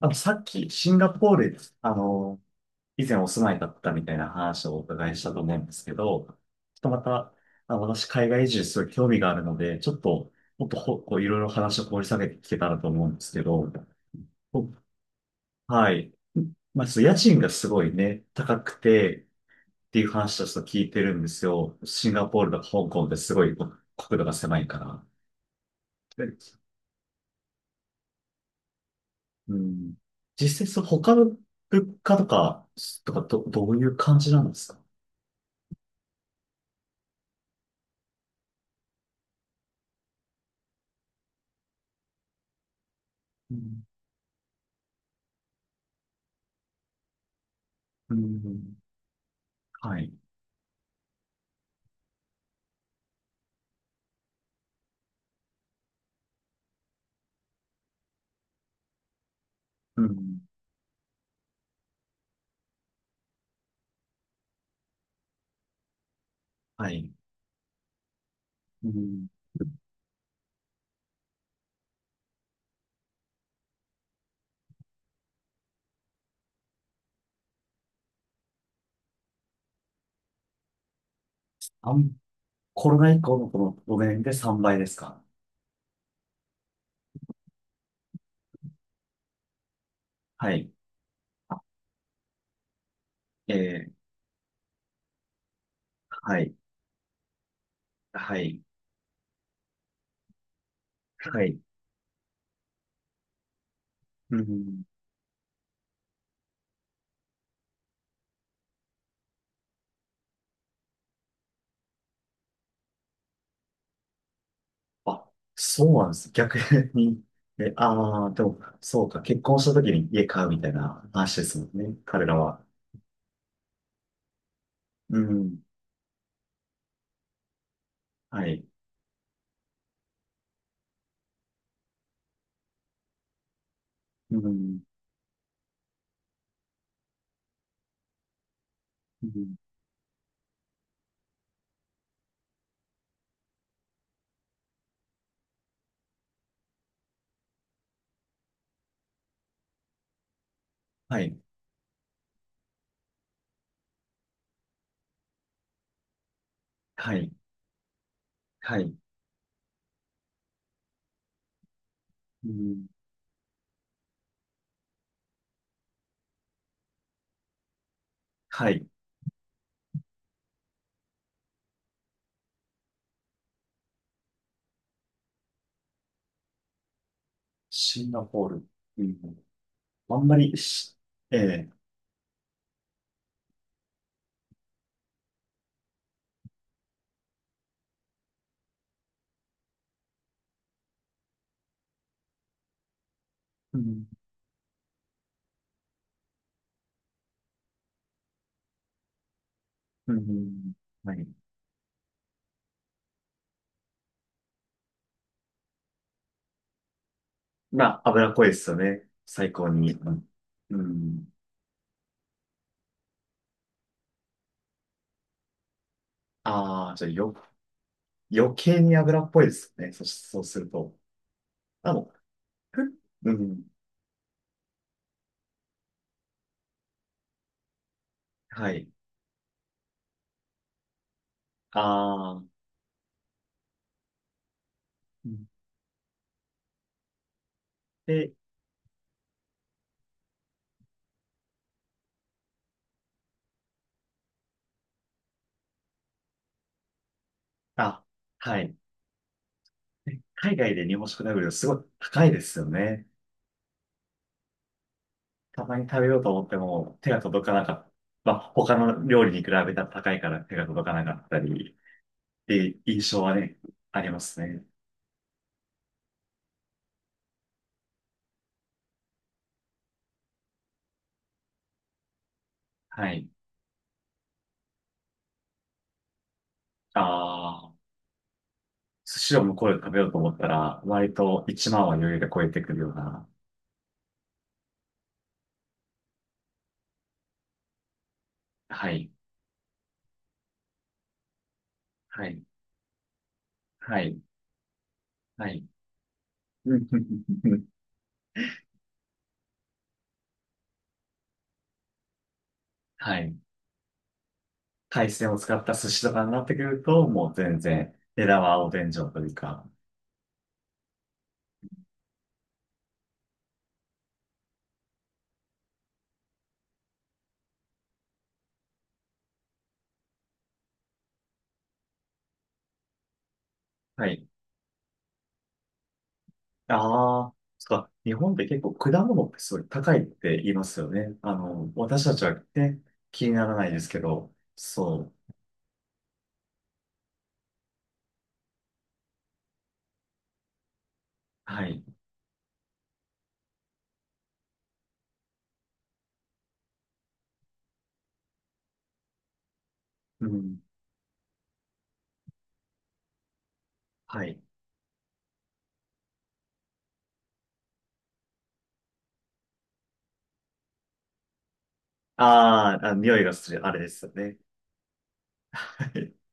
あと、さっき、シンガポール、あの、以前お住まいだったみたいな話をお伺いしたと思うんですけど、ちょっとまた、私、海外移住すごい興味があるので、ちょっと、もっとほ、こう、いろいろ話を掘り下げて聞けたらと思うんですけど、おはい。まあ、ちょっと家賃がすごいね、高くて、っていう話をちょっと聞いてるんですよ。シンガポールとか香港ってすごい国土が狭いから。でうん。実際、そう他の物価とか、どういう感じなんですか？うん。うん。はい。うん。はい。うん。あん、コロナ以降のこの5年で3倍ですか？はい。あえー、はい。はい。はい。うん。あ、そうなんです。逆に。え、ああ、でも、そうか。結婚した時に家買うみたいな話ですもんね。彼らは。うん。はい。うん。うん。はい。はい。はい。うん。はい。シンガポール。うん。あんまりし、ええ。うん。うん。はい。まあ、脂っこいですよね。最高に。うん。ああ、じゃあよ、余計に脂っぽいですね。そうすると。あ、もう、ふうん。はい。ああ、うん。で、あ、はい。で海外で日本食食べるのすごい高いですよね。たまに食べようと思っても手が届かなかった。まあ、他の料理に比べたら高いから手が届かなかったり、っていう印象はね、ありますね。はい。ああ。寿司を向こうで食べようと思ったら、割と1万は余裕で超えてくるような。はい。はい。はい。はい。うん。はい。海鮮を使った寿司とかになってくると、もう全然、値段はお天井というか。はい。ああ、そっか。日本って結構果物ってすごい高いって言いますよね。私たちはね、気にならないですけど、そう。はい。うん。はい。あーあ、匂いがする、あれですよね。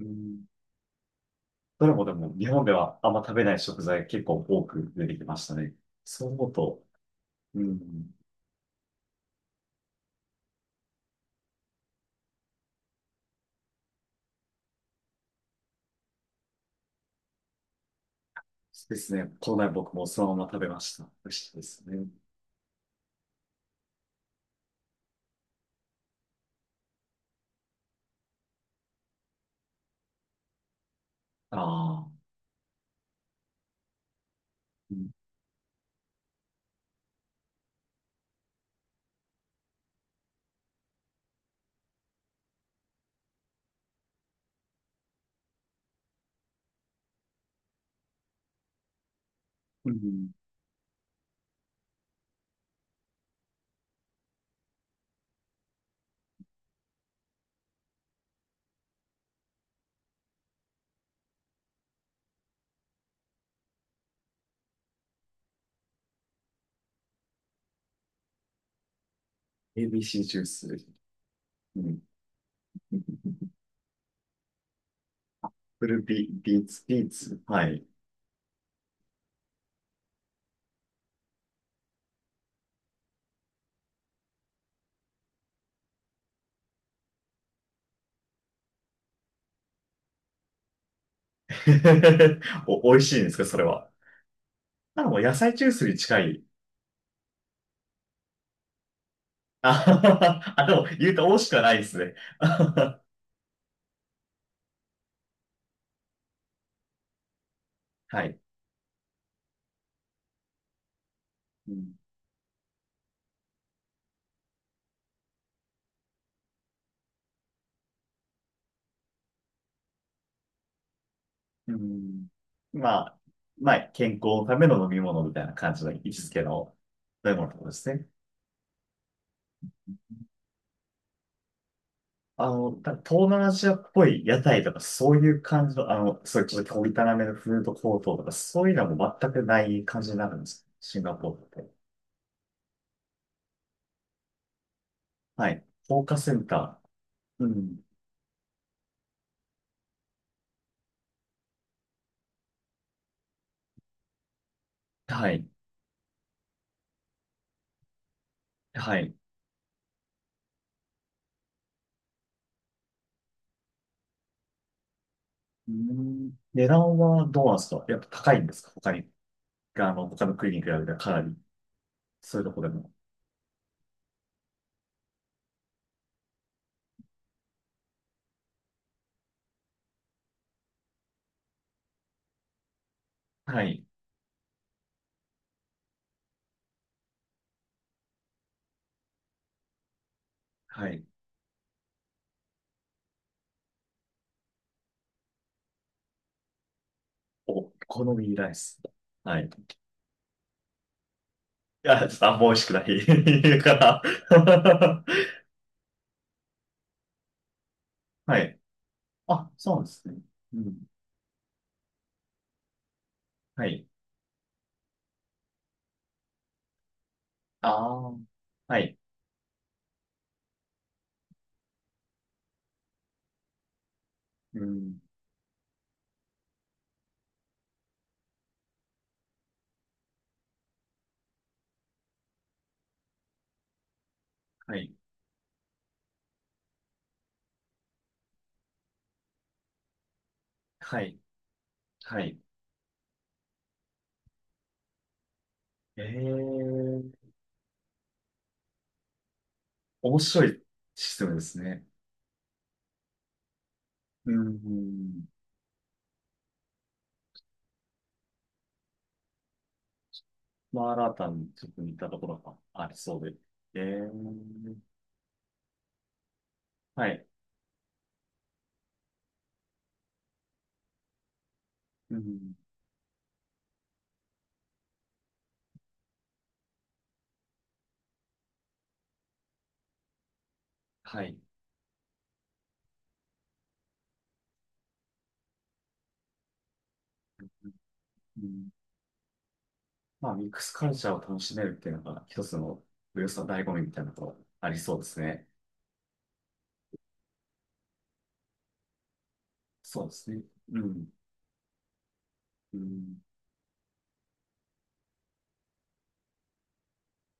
うん。どれもでも日本ではあんま食べない食材結構多く出てきましたね。そう思うと、うん、ですね。この前僕もそのまま食べました。美味しいですね。ああ、うん。うん、 ABC ジュース、うん。フルビ、ビーツ、ビーツ。はい。お、美味しいんですか、それは。あ、もう野菜ジュースに近い。あははは、あでも言うと美味しくはないですね。はい。うん。うん。まあ、まあ、健康のための飲み物みたいな感じの位置づけの飲み物ってことですね。東南アジアっぽい屋台とか、そういう感じの、そういうちょっと小汚めのフードコートとか、そういうのも全くない感じになるんです。シンガポールって。はい。放火センター。うん。はい。はい。うん。値段はどうなんですか？やっぱ高いんですか？他に。他の国に比べたらかなり。そういうとこでも。はい。はい。お好みライス。はい。いや、ちょっとあんま美味しくない から はい。あ、そうなんですね。うん。はい。ああ。はい。うん。はい。はい。はい。ええ、面白いシステムですね。うん。マラタにちょっと似たところがありそうで。ええ。はい。うん。はい。うん。まあ、ミックスカルチャーを楽しめるっていうのが一つの、およそ醍醐味みたいなところありそうですね。そうですね。うん。うん